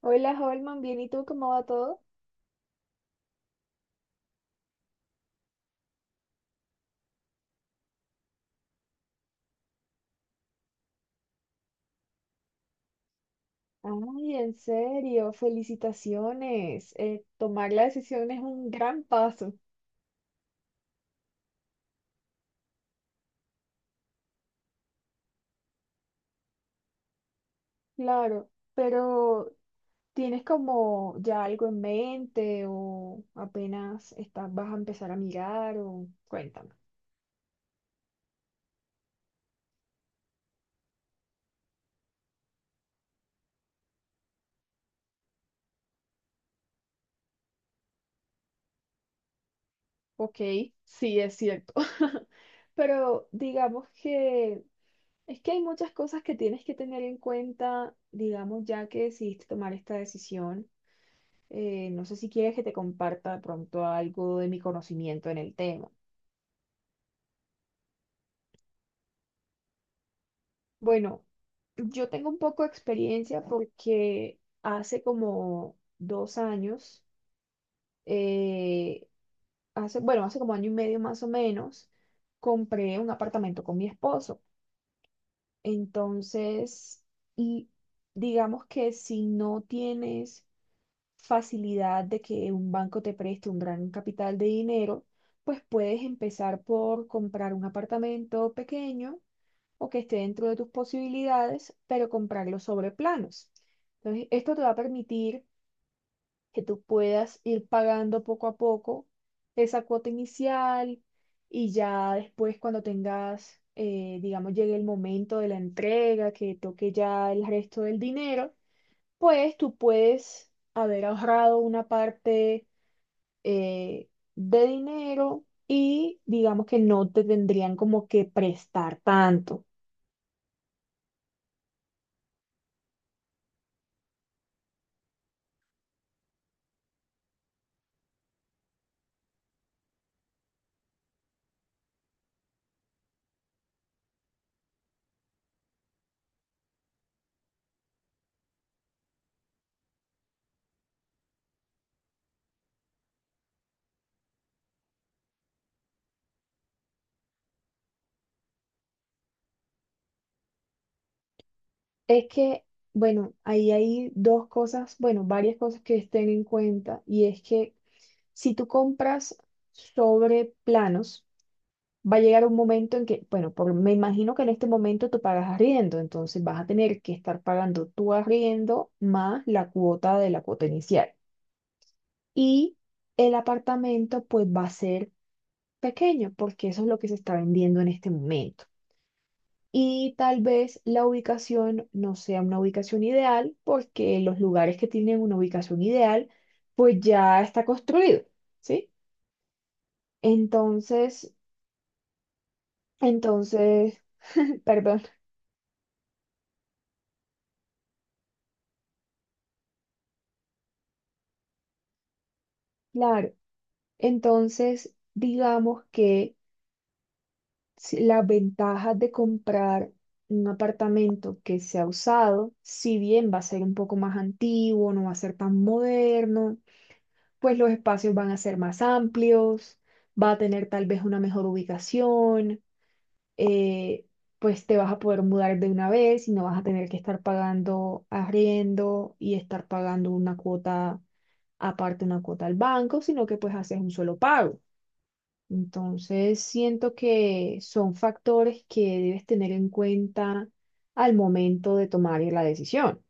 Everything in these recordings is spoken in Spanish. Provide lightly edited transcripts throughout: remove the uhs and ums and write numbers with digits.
Hola, Holman, bien, ¿y tú cómo va todo? Ay, en serio, felicitaciones. Tomar la decisión es un gran paso, claro, pero ¿tienes como ya algo en mente o apenas vas a empezar a mirar o cuéntame? Ok, sí, es cierto. Pero digamos que es que hay muchas cosas que tienes que tener en cuenta, digamos, ya que decidiste tomar esta decisión. No sé si quieres que te comparta de pronto algo de mi conocimiento en el tema. Bueno, yo tengo un poco de experiencia porque hace como 2 años, eh, hace, bueno, hace como año y medio más o menos, compré un apartamento con mi esposo. Entonces, y digamos que si no tienes facilidad de que un banco te preste un gran capital de dinero, pues puedes empezar por comprar un apartamento pequeño o que esté dentro de tus posibilidades, pero comprarlo sobre planos. Entonces, esto te va a permitir que tú puedas ir pagando poco a poco esa cuota inicial y ya después cuando tengas, digamos, llegue el momento de la entrega, que toque ya el resto del dinero, pues tú puedes haber ahorrado una parte eh, de dinero, y digamos que no te tendrían como que prestar tanto. Es que, bueno, ahí hay dos cosas, bueno, varias cosas que estén en cuenta, y es que si tú compras sobre planos, va a llegar un momento en que, bueno, me imagino que en este momento tú pagas arriendo, entonces vas a tener que estar pagando tu arriendo más la cuota de la cuota inicial. Y el apartamento pues va a ser pequeño porque eso es lo que se está vendiendo en este momento. Y tal vez la ubicación no sea una ubicación ideal porque los lugares que tienen una ubicación ideal pues ya está construido, ¿sí? Entonces, entonces, perdón, claro, entonces digamos que, la ventaja de comprar un apartamento que sea usado, si bien va a ser un poco más antiguo, no va a ser tan moderno, pues los espacios van a ser más amplios, va a tener tal vez una mejor ubicación, eh, pues te vas a poder mudar de una vez y no vas a tener que estar pagando arriendo y estar pagando una cuota aparte, una cuota al banco, sino que pues haces un solo pago. Entonces, siento que son factores que debes tener en cuenta al momento de tomar la decisión.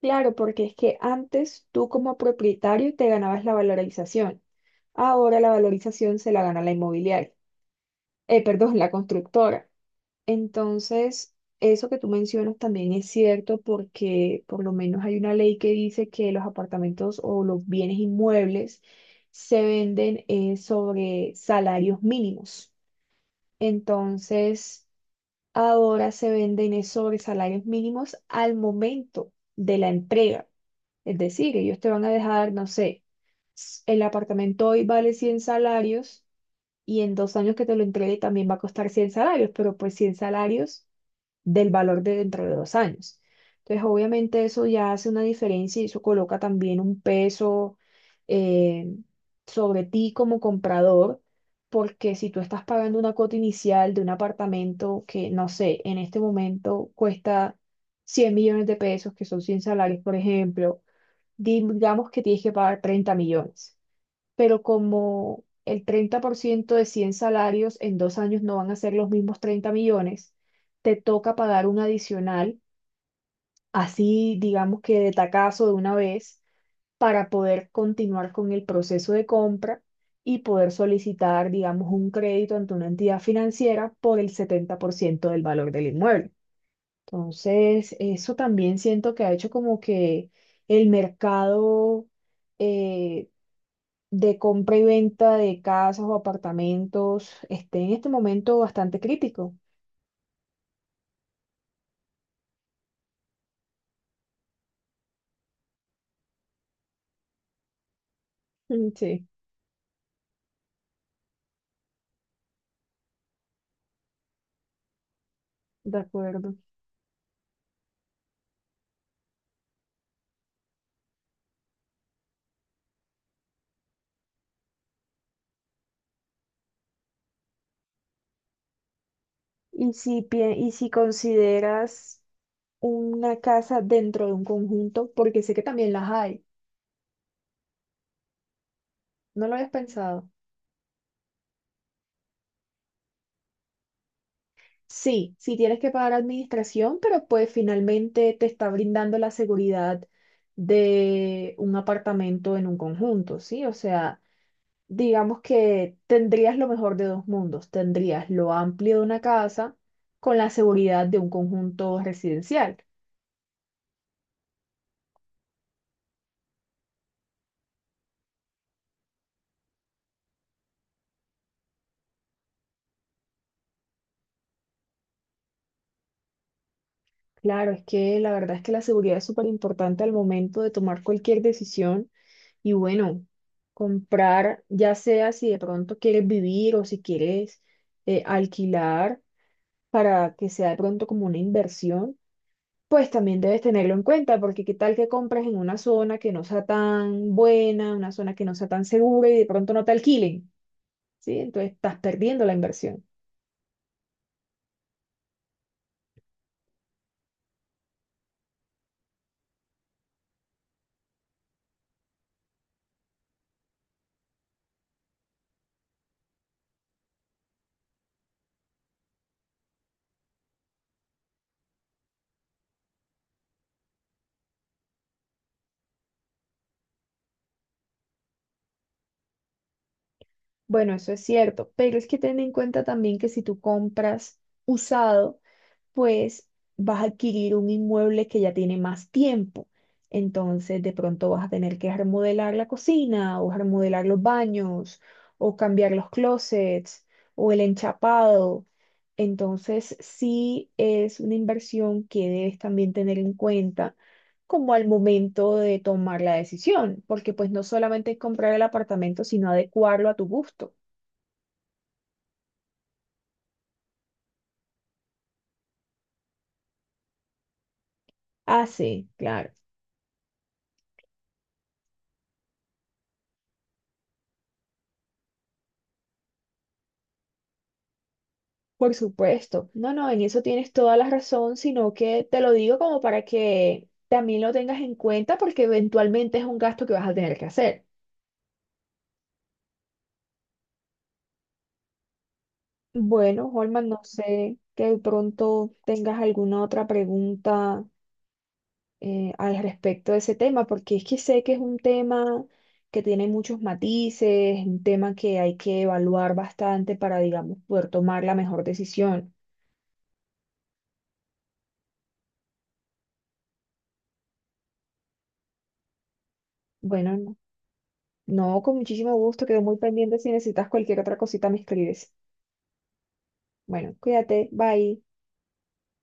Claro, porque es que antes tú, como propietario, te ganabas la valorización. Ahora la valorización se la gana la inmobiliaria, perdón, la constructora. Entonces, eso que tú mencionas también es cierto porque por lo menos hay una ley que dice que los apartamentos o los bienes inmuebles se venden, sobre salarios mínimos. Entonces, ahora se venden es sobre salarios mínimos al momento de la entrega. Es decir, ellos te van a dejar, no sé, el apartamento hoy vale 100 salarios y en 2 años que te lo entregue también va a costar 100 salarios, pero pues 100 salarios del valor de dentro de 2 años. Entonces, obviamente eso ya hace una diferencia y eso coloca también un peso eh, sobre ti como comprador, porque si tú estás pagando una cuota inicial de un apartamento que, no sé, en este momento cuesta 100 millones de pesos, que son 100 salarios, por ejemplo, digamos que tienes que pagar 30 millones, pero como el 30% de 100 salarios en 2 años no van a ser los mismos 30 millones, te toca pagar un adicional, así digamos que de tacazo, de una vez, para poder continuar con el proceso de compra y poder solicitar, digamos, un crédito ante una entidad financiera por el 70% del valor del inmueble. Entonces, eso también siento que ha hecho como que el mercado, eh, de compra y venta de casas o apartamentos, esté en este momento bastante crítico. Mm. Sí, de acuerdo. Y si consideras una casa dentro de un conjunto, porque sé que también las hay, ¿no lo habías pensado? Sí, sí tienes que pagar administración, pero pues finalmente te está brindando la seguridad de un apartamento en un conjunto, ¿sí? O sea, digamos que tendrías lo mejor de dos mundos. Tendrías lo amplio de una casa con la seguridad de un conjunto residencial. Claro, es que la verdad es que la seguridad es súper importante al momento de tomar cualquier decisión, y bueno, comprar, ya sea si de pronto quieres vivir, o si quieres alquilar para que sea de pronto como una inversión, pues también debes tenerlo en cuenta, porque qué tal que compras en una zona que no sea tan buena, una zona que no sea tan segura, y de pronto no te alquilen, ¿sí? Entonces estás perdiendo la inversión. Bueno, eso es cierto, pero es que ten en cuenta también que si tú compras usado, pues vas a adquirir un inmueble que ya tiene más tiempo. Entonces, de pronto vas a tener que remodelar la cocina o remodelar los baños, o cambiar los closets o el enchapado. Entonces, sí es una inversión que debes también tener en cuenta como al momento de tomar la decisión, porque pues no solamente es comprar el apartamento, sino adecuarlo a tu gusto. Hace, claro. Por supuesto. No, no, en eso tienes toda la razón, sino que te lo digo como para que también lo tengas en cuenta porque eventualmente es un gasto que vas a tener que hacer. Bueno, Holman, no sé que de pronto tengas alguna otra pregunta, al respecto de ese tema, porque es que sé que es un tema que tiene muchos matices, un tema que hay que evaluar bastante para, digamos, poder tomar la mejor decisión. Bueno, no, no, con muchísimo gusto, quedo muy pendiente. Si necesitas cualquier otra cosita, me escribes. Bueno, cuídate, bye.